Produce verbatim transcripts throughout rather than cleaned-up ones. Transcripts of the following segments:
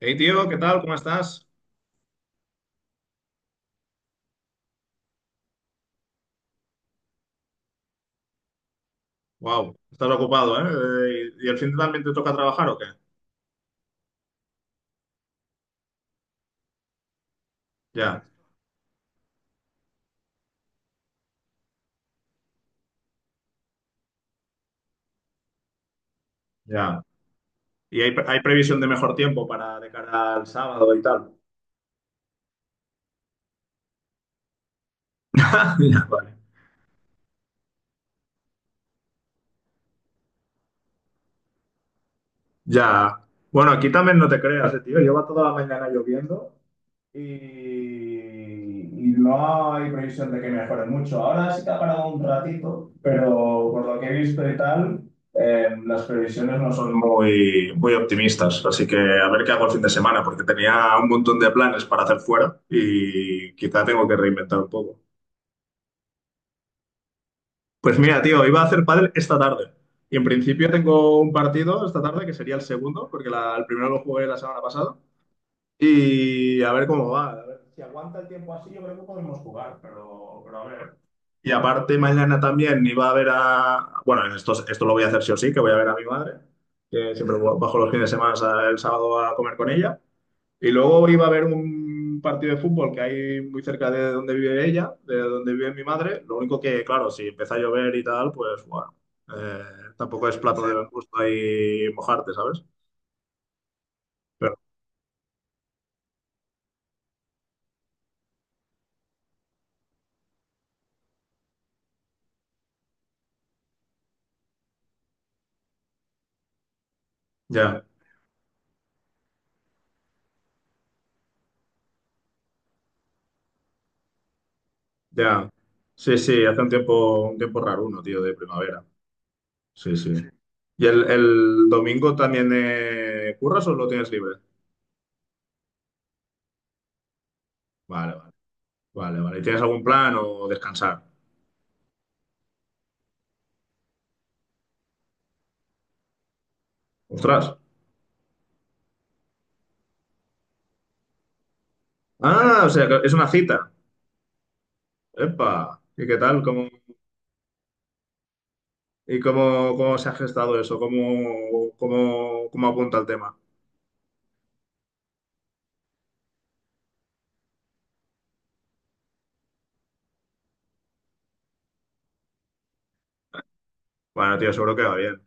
Hey tío, ¿qué tal? ¿Cómo estás? Wow, estás ocupado, ¿eh? Eh, ¿Y el fin de también te toca trabajar o qué? Ya, ya. ¿Y hay, hay previsión de mejor tiempo para de cara al sábado y tal? Ya, vale. Ya. Bueno, aquí también no te creas, eh, tío. Lleva toda la mañana lloviendo y, y no hay previsión de que mejore mucho. Ahora sí que ha parado un ratito, pero por lo que he visto y tal, eh, las previsiones no son muy, muy optimistas. Así que a ver qué hago el fin de semana, porque tenía un montón de planes para hacer fuera y quizá tengo que reinventar un poco. Pues mira, tío, iba a hacer pádel esta tarde. Y en principio tengo un partido esta tarde que sería el segundo, porque la- el primero lo jugué la semana pasada. Y a ver cómo va. A ver. Si aguanta el tiempo así, yo creo que podemos jugar, pero, pero a ver. Y aparte, mañana también iba a ver a. Bueno, esto, esto lo voy a hacer sí o sí, que voy a ver a mi madre, que siempre bajo los fines de semana el sábado a comer con ella. Y luego iba a ver un partido de fútbol que hay muy cerca de donde vive ella, de donde vive mi madre. Lo único que, claro, si empieza a llover y tal, pues bueno, eh, tampoco es plato de Claro. Buen gusto ahí mojarte, ¿sabes? Pero ya. Ya. Sí, sí, hace un tiempo, un tiempo raro uno, tío, de primavera. Sí, sí. ¿Y el, el domingo también eh, curras o lo tienes libre? Vale, vale, vale, vale. ¿Y tienes algún plan o descansar? Ostras. Ah, o sea, que es una cita. Epa. ¿Y qué tal? ¿Cómo, y cómo, cómo se ha gestado eso? ¿Cómo, cómo, cómo apunta el tema? Bueno, tío, seguro que va bien.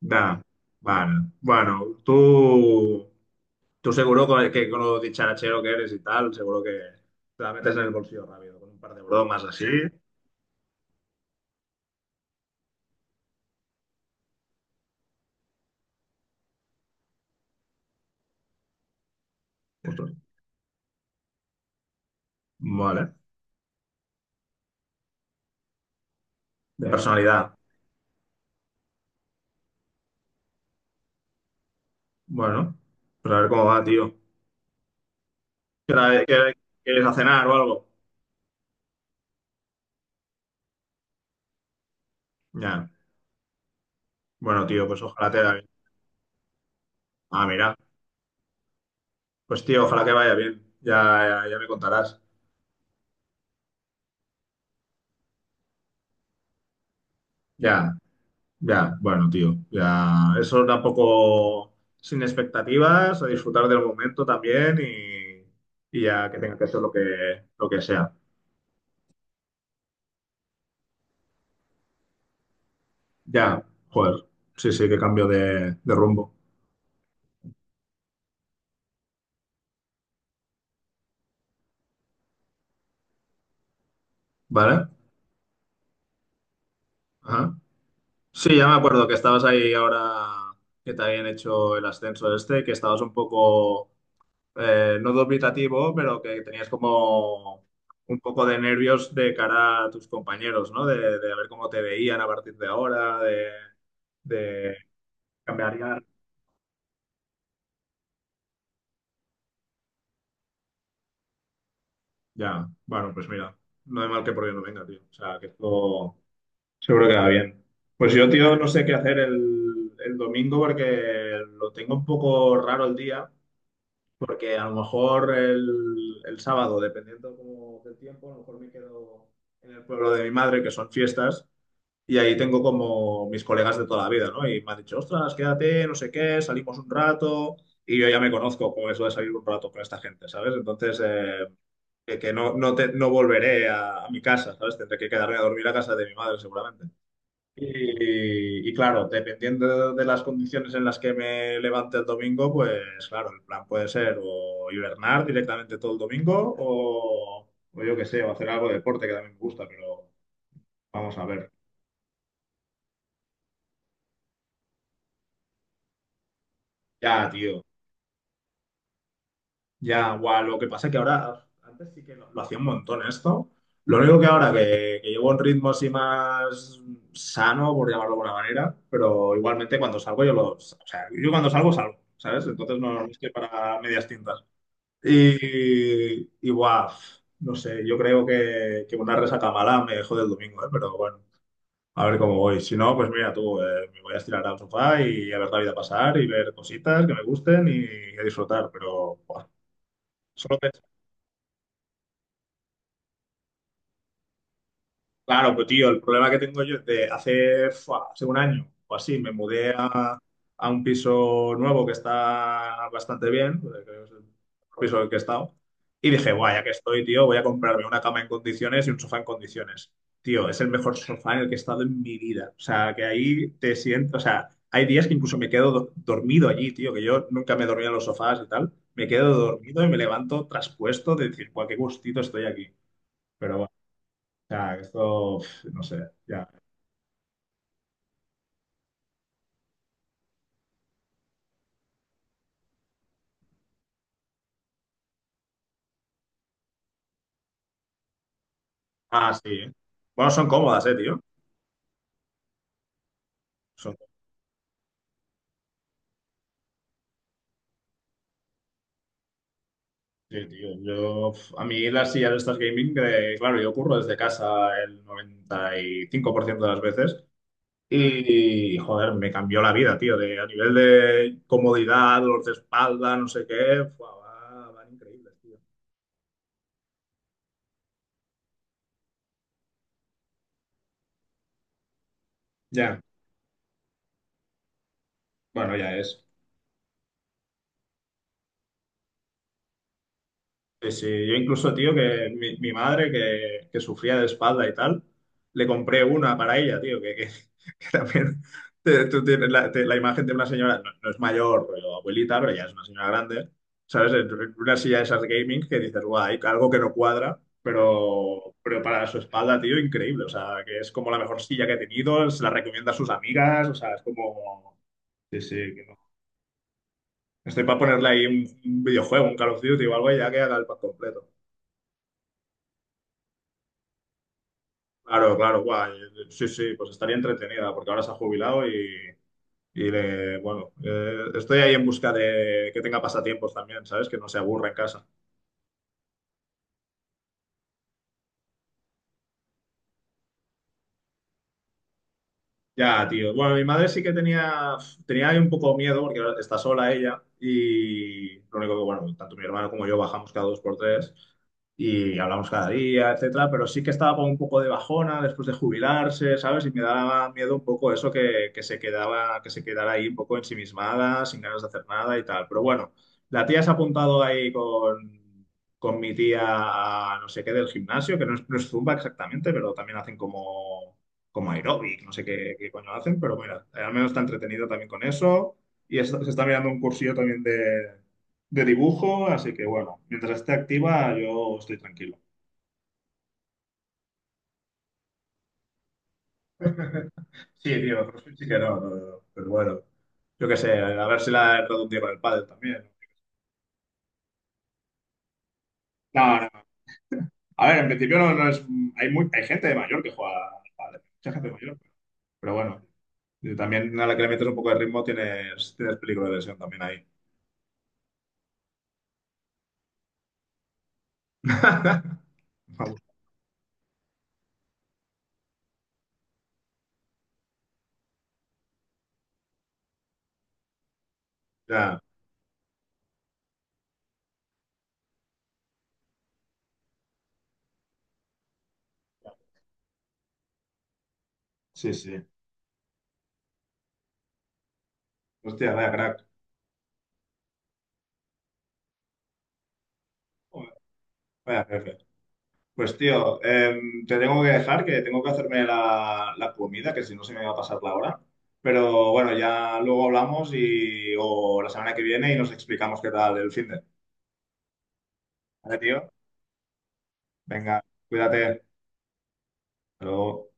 Ya. Vale. Bueno, tú. Tú seguro con- que con lo dicharachero que eres y tal, seguro que te la metes en el bolsillo rápido, con un par de bromas así. Ostras, vale, de personalidad. Bueno, pues a ver cómo va, tío. ¿Qué hora- qué- ¿Quieres a cenar o algo? Ya. Bueno, tío, pues ojalá te vaya bien. Ah, mira. Pues tío, ojalá que vaya bien. Ya, ya, ya me contarás. Ya, ya. Bueno, tío, ya. Eso tampoco sin expectativas, a disfrutar del momento también y, y ya que tenga que hacer lo que, lo que sea. Ya, joder. Sí, sí, qué cambio de, de rumbo. ¿Vale? Ajá. Sí, ya me acuerdo que estabas ahí ahora que te habían hecho el ascenso este, que estabas un poco, eh, no dubitativo, pero que tenías como un poco de nervios de cara a tus compañeros, ¿no? De, de ver cómo te veían a partir de ahora, de, de cambiarían. Ya, bueno, pues mira, no hay mal que por bien no venga, tío. O sea, que esto seguro que va bien. Pues yo, tío, no sé qué hacer el, el domingo porque lo tengo un poco raro el día, porque a lo mejor el, el sábado, dependiendo como del tiempo, a lo mejor me quedo en el pueblo de mi madre, que son fiestas, y ahí tengo como mis colegas de toda la vida, ¿no? Y me han dicho, ostras, quédate, no sé qué, salimos un rato, y yo ya me conozco con eso de salir un rato con esta gente, ¿sabes? Entonces, eh, que, que no, no, te- no volveré a, a mi casa, ¿sabes? Tendré que quedarme a dormir a casa de mi madre, seguramente. Y, y claro, dependiendo de las condiciones en las que me levante el domingo, pues claro, el plan puede ser o hibernar directamente todo el domingo o, o yo qué sé, o hacer algo de deporte que también me gusta, pero vamos a ver. Ya, tío, ya, guau, lo que pasa es que ahora, antes sí que lo, lo hacía un montón esto. Lo único que ahora que, que llevo un ritmo así más sano, por llamarlo de alguna manera, pero igualmente cuando salgo yo lo, o sea, yo cuando salgo salgo, ¿sabes? Entonces no, no estoy para medias tintas. Y, y guau, no sé, yo creo que, que una resaca mala me jode el domingo, ¿eh? Pero bueno, a ver cómo voy. Si no, pues mira tú, eh, me voy a estirar al sofá y a ver la vida pasar y ver cositas que me gusten y, a disfrutar. Pero buah, solo claro, pues tío, el problema que tengo yo es de hace, fua, hace un año o así me mudé a, a un piso nuevo que está bastante bien, creo que es el piso en el que he estado, y dije, guay, ya que estoy, tío, voy a comprarme una cama en condiciones y un sofá en condiciones. Tío, es el mejor sofá en el que he estado en mi vida. O sea, que ahí te siento, o sea, hay días que incluso me quedo do- dormido allí, tío, que yo nunca me dormía en los sofás y tal. Me quedo dormido y me levanto traspuesto de decir, guau, qué gustito estoy aquí. Pero sea, esto, uf, no sé, ya. Ah, sí. ¿Eh? Bueno, son cómodas, eh, tío. Son cómodas, sí, tío. Yo, uf, a mí las sillas estas gaming, eh, claro, yo curro desde casa el noventa y cinco por ciento de las veces y, joder, me cambió la vida, tío. De, a nivel de comodidad, dolor de espalda, no sé qué, fua, va- van increíbles, tío. Ya, bueno, ya es. Sí, sí, yo incluso, tío, que mi, mi madre, que, que sufría de espalda y tal, le compré una para ella, tío, que, que, que también te- tú tienes la, te- la imagen de una señora, no, no es mayor, pero abuelita, pero ya es una señora grande, ¿sabes? En una silla de esas de gaming que dices, guay algo que no cuadra, pero, pero para su espalda, tío, increíble, o sea, que es como la mejor silla que he tenido, se la recomienda a sus amigas, o sea, es como... Sí, sí, que no. Estoy para ponerle ahí un, un videojuego, un Call of Duty o algo y ya que haga el pack completo. Claro, claro, guay. Sí, sí, pues estaría entretenida porque ahora se ha jubilado y, y le- bueno, eh, estoy ahí en busca de que tenga pasatiempos también, ¿sabes? Que no se aburra en casa. Ya, tío. Bueno, mi madre sí que tenía, tenía ahí un poco miedo porque ahora está sola ella y lo único que, bueno, tanto mi hermano como yo bajamos cada dos por tres y hablamos cada día, etcétera, pero sí que estaba con un poco de bajona después de jubilarse, ¿sabes? Y me daba miedo un poco eso que, que se quedaba, que se quedara ahí un poco ensimismada, sin ganas de hacer nada y tal. Pero bueno, la tía se ha apuntado ahí con, con mi tía a no sé qué del gimnasio, que no es, no es Zumba exactamente, pero también hacen como como aeróbic, no sé qué, qué coño hacen, pero mira, eh, al menos está entretenido también con eso. Y es- se está mirando un cursillo también de, de dibujo, así que bueno, mientras esté activa, yo estoy tranquilo. Sí, tío, CrossFit sí que no, no, no, pero bueno, yo qué sé, a ver si la he traducido con el pádel también. No, no, a ver, en principio no, no es, hay, muy, hay gente de mayor que juega al pádel, mucha gente mayor, pero bueno, y también a la que le metes un poco de ritmo tienes, tienes peligro de lesión también ahí. Ya, sí, sí. Hostia, vaya crack. Joder, vaya jefe. Pues tío, em, te tengo que dejar, que tengo que hacerme la, la comida, que si no se me va a pasar la hora. Pero bueno, ya luego hablamos y o la semana que viene y nos explicamos qué tal el finde. Vale, tío. Venga, cuídate. Hasta luego.